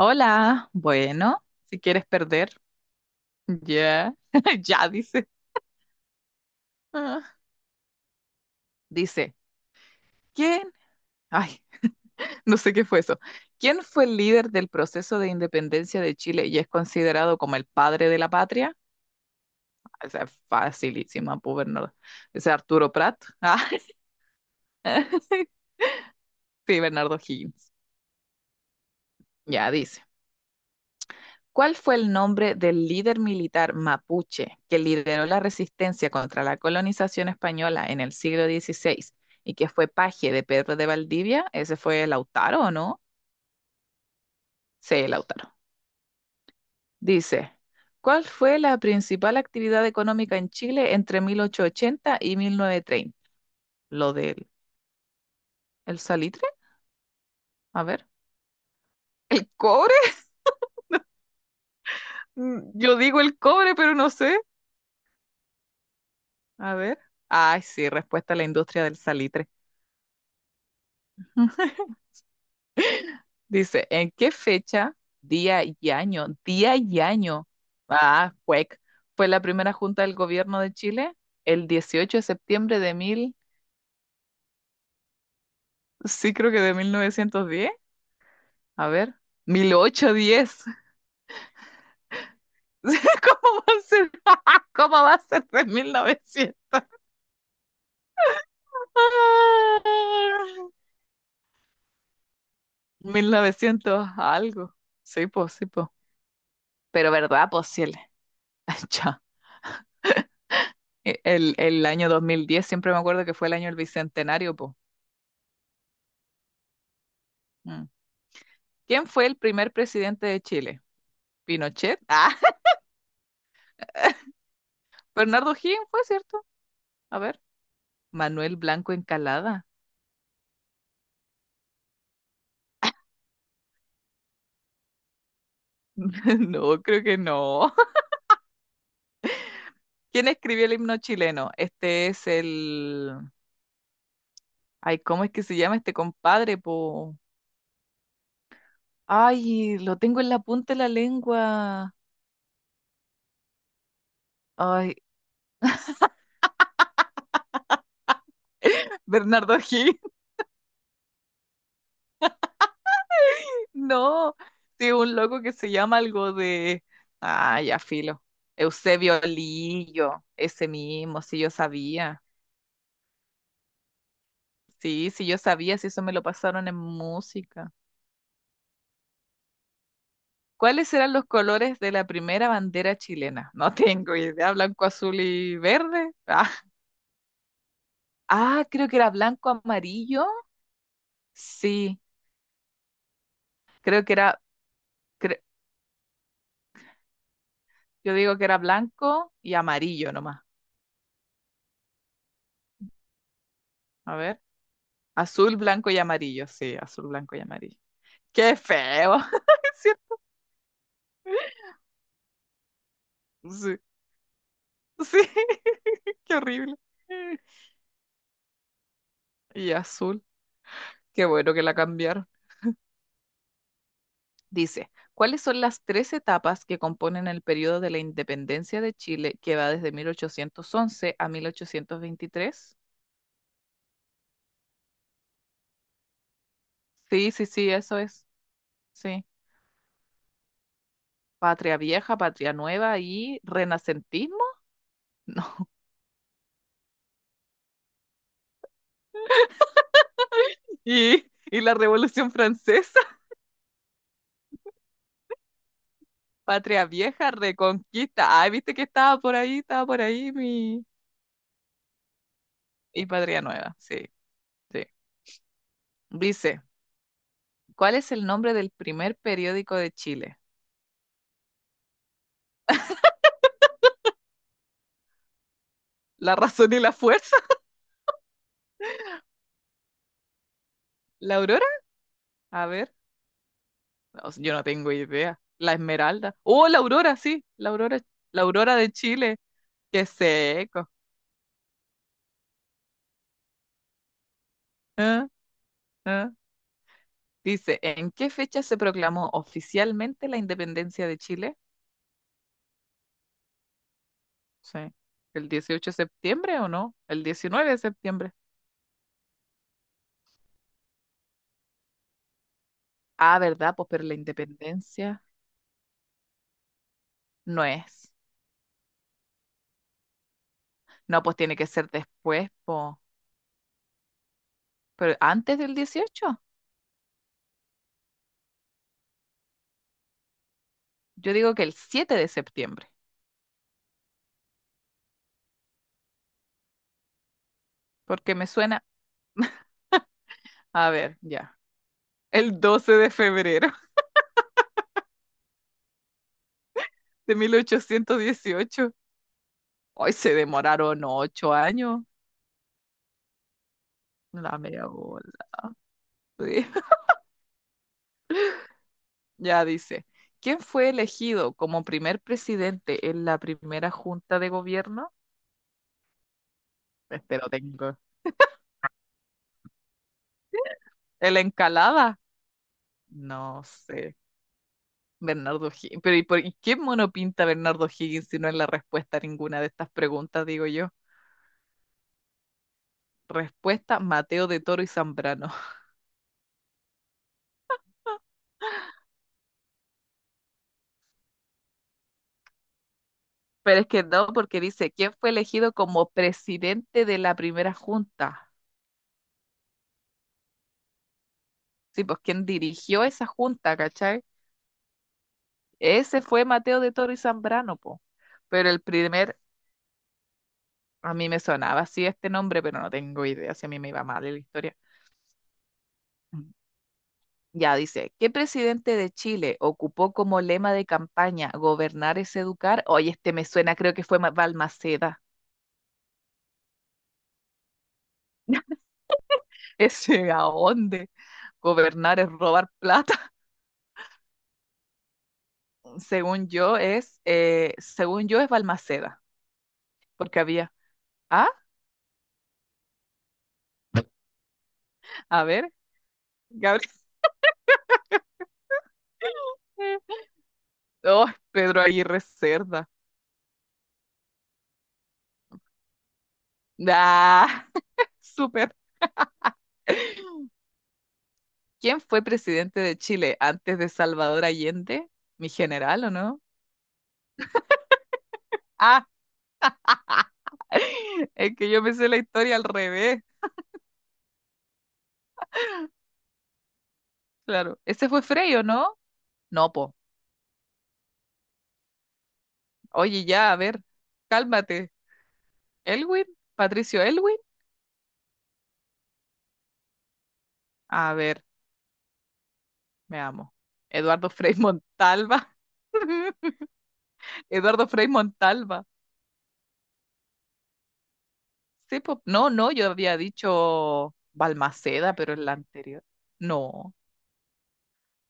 Hola, bueno, si quieres perder, ya, ya dice. Ah, Dice, ¿quién? Ay, no sé qué fue eso. ¿Quién fue el líder del proceso de independencia de Chile y es considerado como el padre de la patria? O sea, facilísima, pues Bernardo. Ese Arturo Prat. Sí, Bernardo Higgins. Ya dice. ¿Cuál fue el nombre del líder militar mapuche que lideró la resistencia contra la colonización española en el siglo 16 y que fue paje de Pedro de Valdivia? ¿Ese fue Lautaro o no? Sí, Lautaro. Dice, ¿cuál fue la principal actividad económica en Chile entre 1880 y 1930? ¿Lo del el salitre? A ver. ¿El cobre? Mm, yo digo el cobre, pero no sé. A ver. Ay, sí, respuesta a la industria del salitre. Dice, ¿en qué fecha, día y año, día y año? Ah, cuec. Fue la primera junta del gobierno de Chile el 18 de septiembre de mil, sí creo que de 1910. A ver, 1810. ¿Cómo va a ser? ¿Cómo va a ser de 1900? Ah, 1900 algo. Sí, pues, sí, pues. Pero verdad, pues, sí, ya. El año 2010, siempre me acuerdo que fue el año del bicentenario, pues. ¿Quién fue el primer presidente de Chile? ¿Pinochet? Bernardo O'Higgins fue, ¿cierto? A ver, Manuel Blanco Encalada. No, creo que no. ¿Quién escribió el himno chileno? Este es el... Ay, ¿cómo es que se llama este compadre, po? Ay, lo tengo en la punta de la lengua. Ay, Bernardo O'Higgins. No, sí, un loco que se llama algo de... Ah, ya filo. Eusebio Lillo, ese mismo, si yo sabía. Sí, sí, yo sabía, si eso me lo pasaron en música. ¿Cuáles eran los colores de la primera bandera chilena? No tengo idea, blanco, azul y verde. Ah, creo que era blanco, amarillo. Sí, creo que era, cre- yo digo que era blanco y amarillo nomás. A ver, azul, blanco y amarillo. Sí, azul, blanco y amarillo. ¡Qué feo! Sí, sí, sí, qué horrible. Y azul, qué bueno que la cambiaron. Dice, ¿cuáles son las tres etapas que componen el periodo de la independencia de Chile que va desde 1811 a 1823? Sí, sí, sí, eso es. Sí. Patria vieja, patria nueva y renacentismo. No. Y, y la Revolución Francesa. Patria vieja, reconquista. Ay, viste que estaba por ahí mi... Y patria nueva, sí, sí. Dice, ¿cuál es el nombre del primer periódico de Chile? ¿La razón y la fuerza? ¿La aurora? A ver. No, yo no tengo idea. La Esmeralda. Oh, la Aurora, sí. La Aurora de Chile. Qué seco. Ah, ah. Dice, ¿en qué fecha se proclamó oficialmente la independencia de Chile? Sí. ¿El 18 de septiembre o no? El 19 de septiembre. Ah, ¿verdad? Pues, pero la independencia no es. No, pues tiene que ser después, pues. Pero antes del dieciocho. Yo digo que el 7 de septiembre, porque me suena. A ver, ya. El 12 de febrero de 1818. Hoy se demoraron ocho años. La media bola. Sí. Ya dice, ¿quién fue elegido como primer presidente en la primera junta de gobierno? Este lo tengo. ¿El Encalada? No sé. Bernardo Higgins. Pero ¿y, y qué mono pinta Bernardo Higgins si no es la respuesta a ninguna de estas preguntas, digo yo? Respuesta, Mateo de Toro y Zambrano. Pero es que no, porque dice, ¿quién fue elegido como presidente de la primera junta? Sí, pues quien dirigió esa junta, ¿cachai? Ese fue Mateo de Toro y Zambrano, po. Pero a mí me sonaba así este nombre, pero no tengo idea si a mí me iba mal en la historia. Mm. Ya dice, ¿qué presidente de Chile ocupó como lema de campaña gobernar es educar? Oye, este me suena, creo que fue Balmaceda. Ese, ¿a dónde? Gobernar es robar plata. Según yo es Balmaceda, porque había. Ah, a ver, Gabriel. Oh, Pedro Aguirre Cerda. Ah, súper. ¿Quién fue presidente de Chile antes de Salvador Allende? ¿Mi general o no? Ah, es que yo me sé la historia al revés. Claro. ¿Ese fue Frei o no? No, po. Oye, ya, a ver. Cálmate. ¿Elwin? ¿Patricio Elwin? A ver, me amo. Eduardo Frei Montalva. Eduardo Frei Montalva. Sí, po. No, yo había dicho Balmaceda, pero en la anterior. No.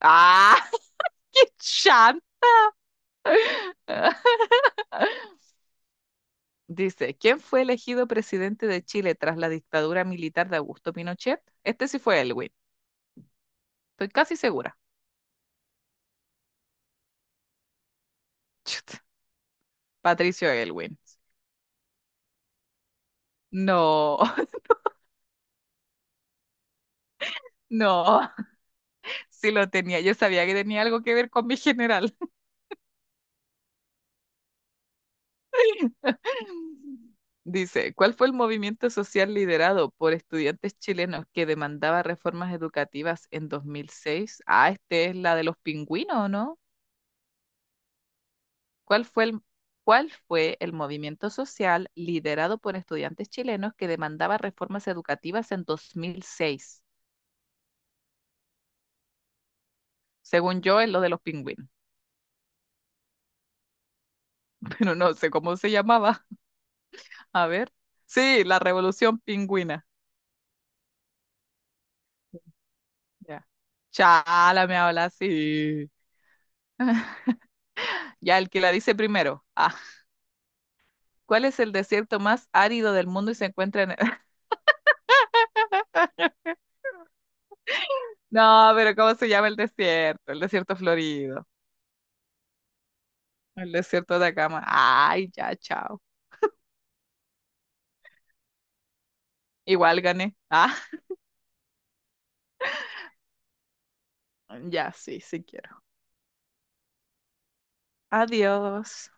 ¡Ah! ¡Qué chanta! Dice, ¿quién fue elegido presidente de Chile tras la dictadura militar de Augusto Pinochet? Este sí fue Elwin, estoy casi segura. Chut, Patricio Elwin. No, no, sí lo tenía, yo sabía que tenía algo que ver con mi general. Dice, ¿cuál fue el movimiento social liderado por estudiantes chilenos que demandaba reformas educativas en 2006? Ah, este es la de los pingüinos, ¿no? ¿Cuál fue el, ¿cuál fue el movimiento social liderado por estudiantes chilenos que demandaba reformas educativas en 2006? Según yo, es lo de los pingüinos, pero no sé cómo se llamaba. A ver. Sí, la Revolución Pingüina. Ya. Chala, me habla así. Ya, el que la dice primero. Ah, ¿cuál es el desierto más árido del mundo y se encuentra en... No, pero ¿cómo se llama el desierto? El desierto florido. El desierto de Atacama. Ay, ya, chao. Igual gané. Ah. Ya, sí, sí quiero. Adiós.